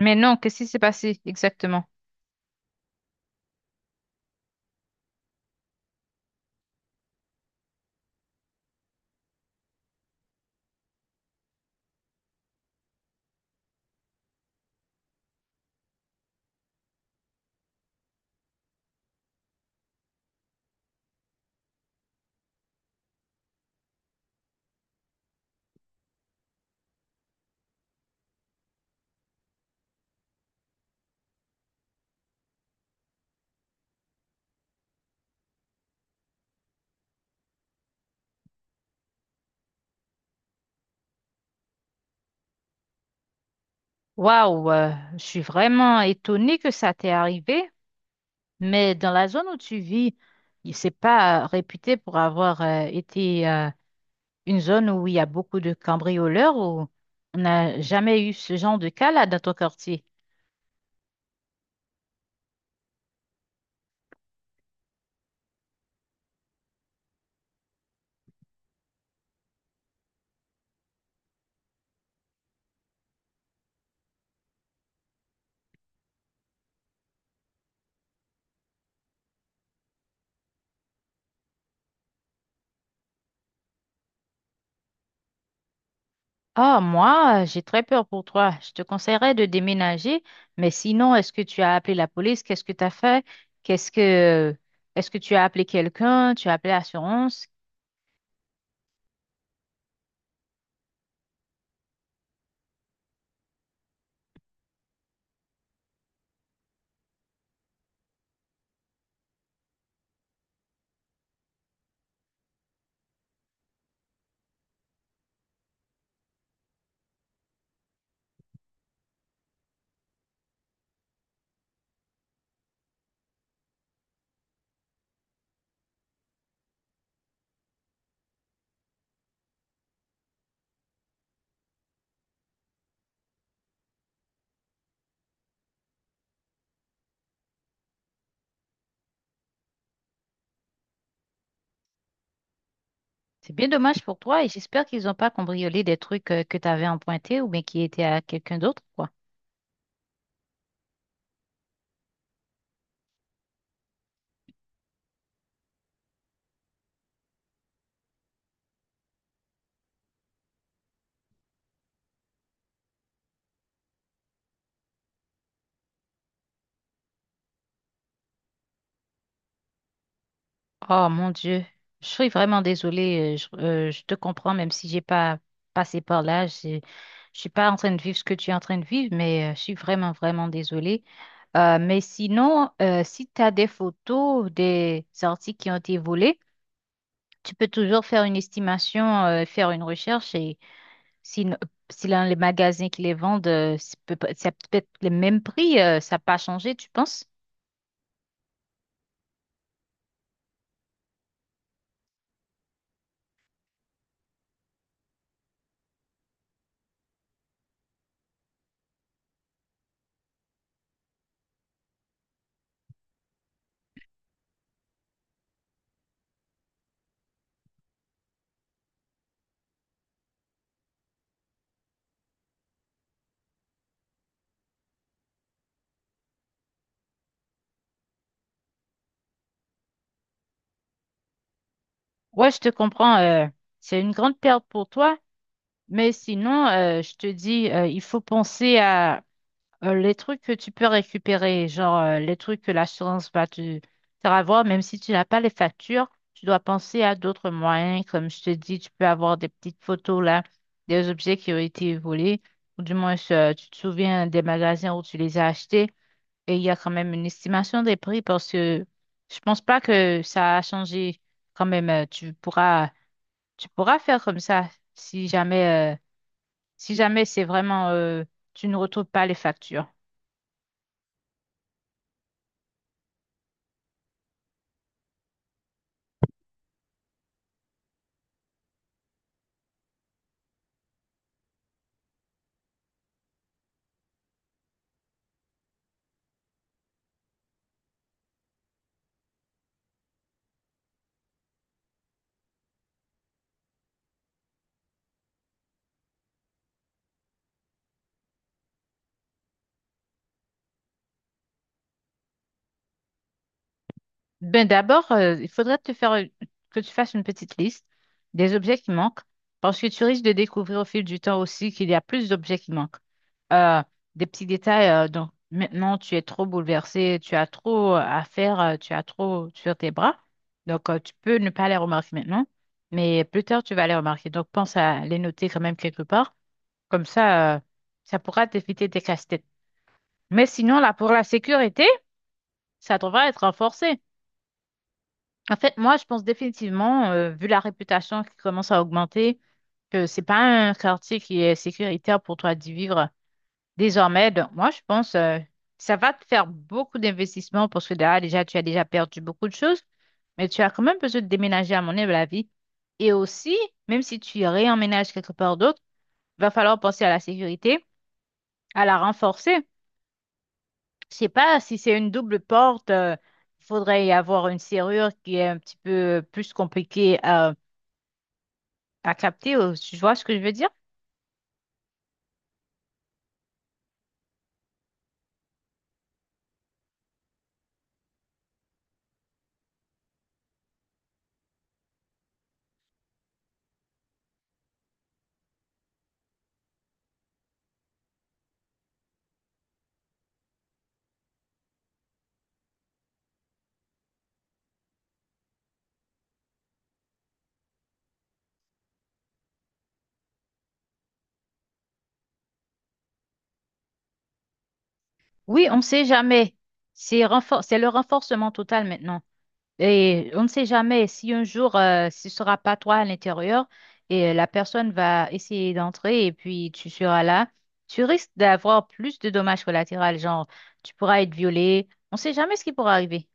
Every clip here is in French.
Mais non, qu'est-ce qui s'est passé exactement? Waouh, je suis vraiment étonnée que ça t'est arrivé, mais dans la zone où tu vis, c'est pas réputé pour avoir été une zone où il y a beaucoup de cambrioleurs ou on n'a jamais eu ce genre de cas là dans ton quartier. Ah, moi, j'ai très peur pour toi. Je te conseillerais de déménager, mais sinon, est-ce que tu as appelé la police? Qu'est-ce que tu as fait? Qu'est-ce que est-ce que tu as appelé quelqu'un? Tu as appelé l'assurance? C'est bien dommage pour toi et j'espère qu'ils n'ont pas cambriolé des trucs que tu avais empruntés ou bien qui étaient à quelqu'un d'autre, quoi. Oh mon Dieu, je suis vraiment désolée. Je te comprends, même si j'ai pas passé par là. Je suis pas en train de vivre ce que tu es en train de vivre, mais je suis vraiment, vraiment désolée. Mais sinon, si tu as des photos des articles qui ont été volés, tu peux toujours faire une estimation, faire une recherche et si, si dans les magasins qui les vendent, c'est c'est peut-être le même prix, ça n'a pas changé, tu penses? Ouais, je te comprends. C'est une grande perte pour toi. Mais sinon, je te dis, il faut penser à les trucs que tu peux récupérer, genre les trucs que l'assurance va te faire avoir, même si tu n'as pas les factures, tu dois penser à d'autres moyens. Comme je te dis, tu peux avoir des petites photos là, des objets qui ont été volés, ou du moins tu te souviens des magasins où tu les as achetés, et il y a quand même une estimation des prix parce que je pense pas que ça a changé. Quand même, tu pourras faire comme ça si jamais. Si jamais c'est vraiment, tu ne retrouves pas les factures. Ben d'abord, il faudrait te faire, que tu fasses une petite liste des objets qui manquent, parce que tu risques de découvrir au fil du temps aussi qu'il y a plus d'objets qui manquent. Euh, des petits détails, donc maintenant tu es trop bouleversé, tu as trop à faire, tu as trop sur tes bras, donc tu peux ne pas les remarquer maintenant, mais plus tard tu vas les remarquer. Donc pense à les noter quand même quelque part, comme ça, ça pourra t'éviter des casse. Mais sinon, là, pour la sécurité, ça devrait être renforcé. En fait, moi, je pense définitivement, vu la réputation qui commence à augmenter, que c'est pas un quartier qui est sécuritaire pour toi d'y vivre désormais. Donc, moi, je pense, ça va te faire beaucoup d'investissements parce que là, déjà, tu as déjà perdu beaucoup de choses, mais tu as quand même besoin de déménager, à mon avis. Et aussi, même si tu réemménages quelque part d'autre, il va falloir penser à la sécurité, à la renforcer. Je sais pas si c'est une double porte, il faudrait y avoir une serrure qui est un petit peu plus compliquée à capter. Tu vois ce que je veux dire? Oui, on ne sait jamais. C'est le renforcement total maintenant. Et on ne sait jamais si un jour, ce sera pas toi à l'intérieur et la personne va essayer d'entrer et puis tu seras là. Tu risques d'avoir plus de dommages collatéraux, genre tu pourras être violé. On ne sait jamais ce qui pourra arriver.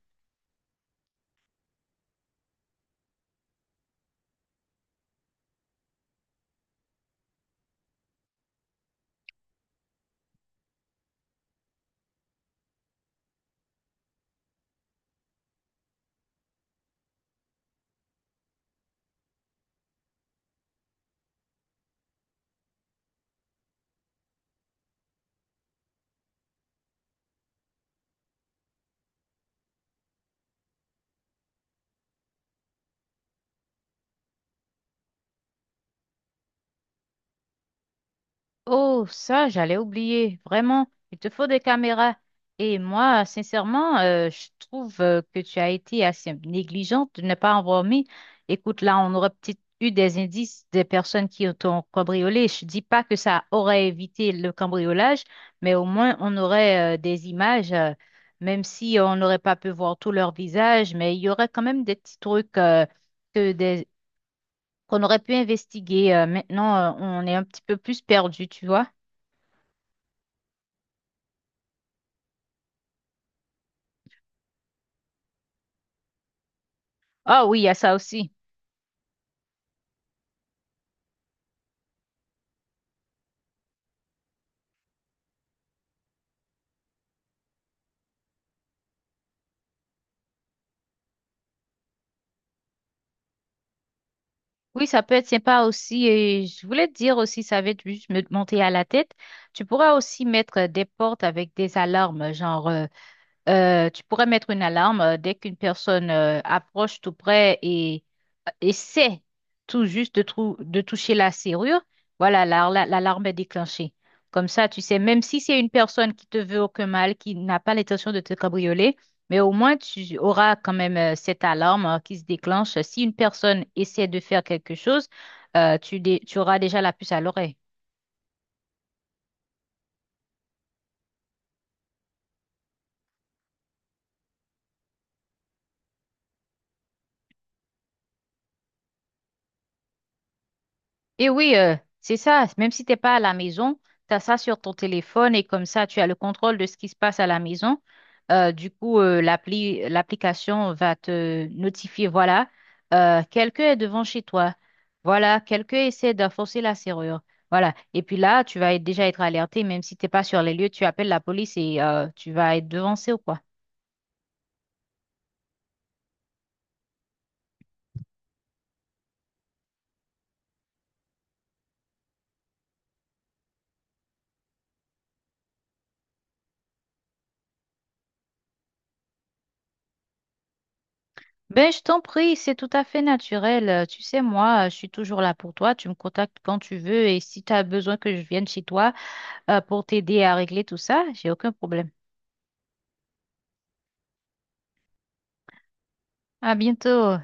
Oh, ça, j'allais oublier. Vraiment, il te faut des caméras. Et moi, sincèrement, je trouve que tu as été assez négligente de ne pas en avoir mis. Écoute, là, on aurait peut-être eu des indices des personnes qui t'ont cambriolé. Je dis pas que ça aurait évité le cambriolage, mais au moins, on aurait des images, même si on n'aurait pas pu voir tout leur visage, mais il y aurait quand même des petits trucs que des... qu'on aurait pu investiguer. Maintenant, on est un petit peu plus perdu, tu vois. Ah oui, il y a ça aussi. Oui, ça peut être sympa aussi. Et je voulais te dire aussi, ça va être juste me monter à la tête. Tu pourras aussi mettre des portes avec des alarmes, tu pourrais mettre une alarme dès qu'une personne approche tout près et essaie tout juste de, de toucher la serrure. Voilà, l'alarme est déclenchée. Comme ça, tu sais, même si c'est une personne qui te veut aucun mal, qui n'a pas l'intention de te cabrioler, mais au moins tu auras quand même cette alarme qui se déclenche. Si une personne essaie de faire quelque chose, tu auras déjà la puce à l'oreille. Et oui, c'est ça. Même si t'es pas à la maison, tu as ça sur ton téléphone et comme ça, tu as le contrôle de ce qui se passe à la maison. L'application va te notifier, voilà, quelqu'un est devant chez toi. Voilà, quelqu'un essaie de forcer la serrure. Voilà. Et puis là, déjà être alerté, même si t'es pas sur les lieux, tu appelles la police et tu vas être devancé ou quoi. Ben, je t'en prie, c'est tout à fait naturel. Tu sais, moi, je suis toujours là pour toi. Tu me contactes quand tu veux et si tu as besoin que je vienne chez toi pour t'aider à régler tout ça, j'ai aucun problème. À bientôt.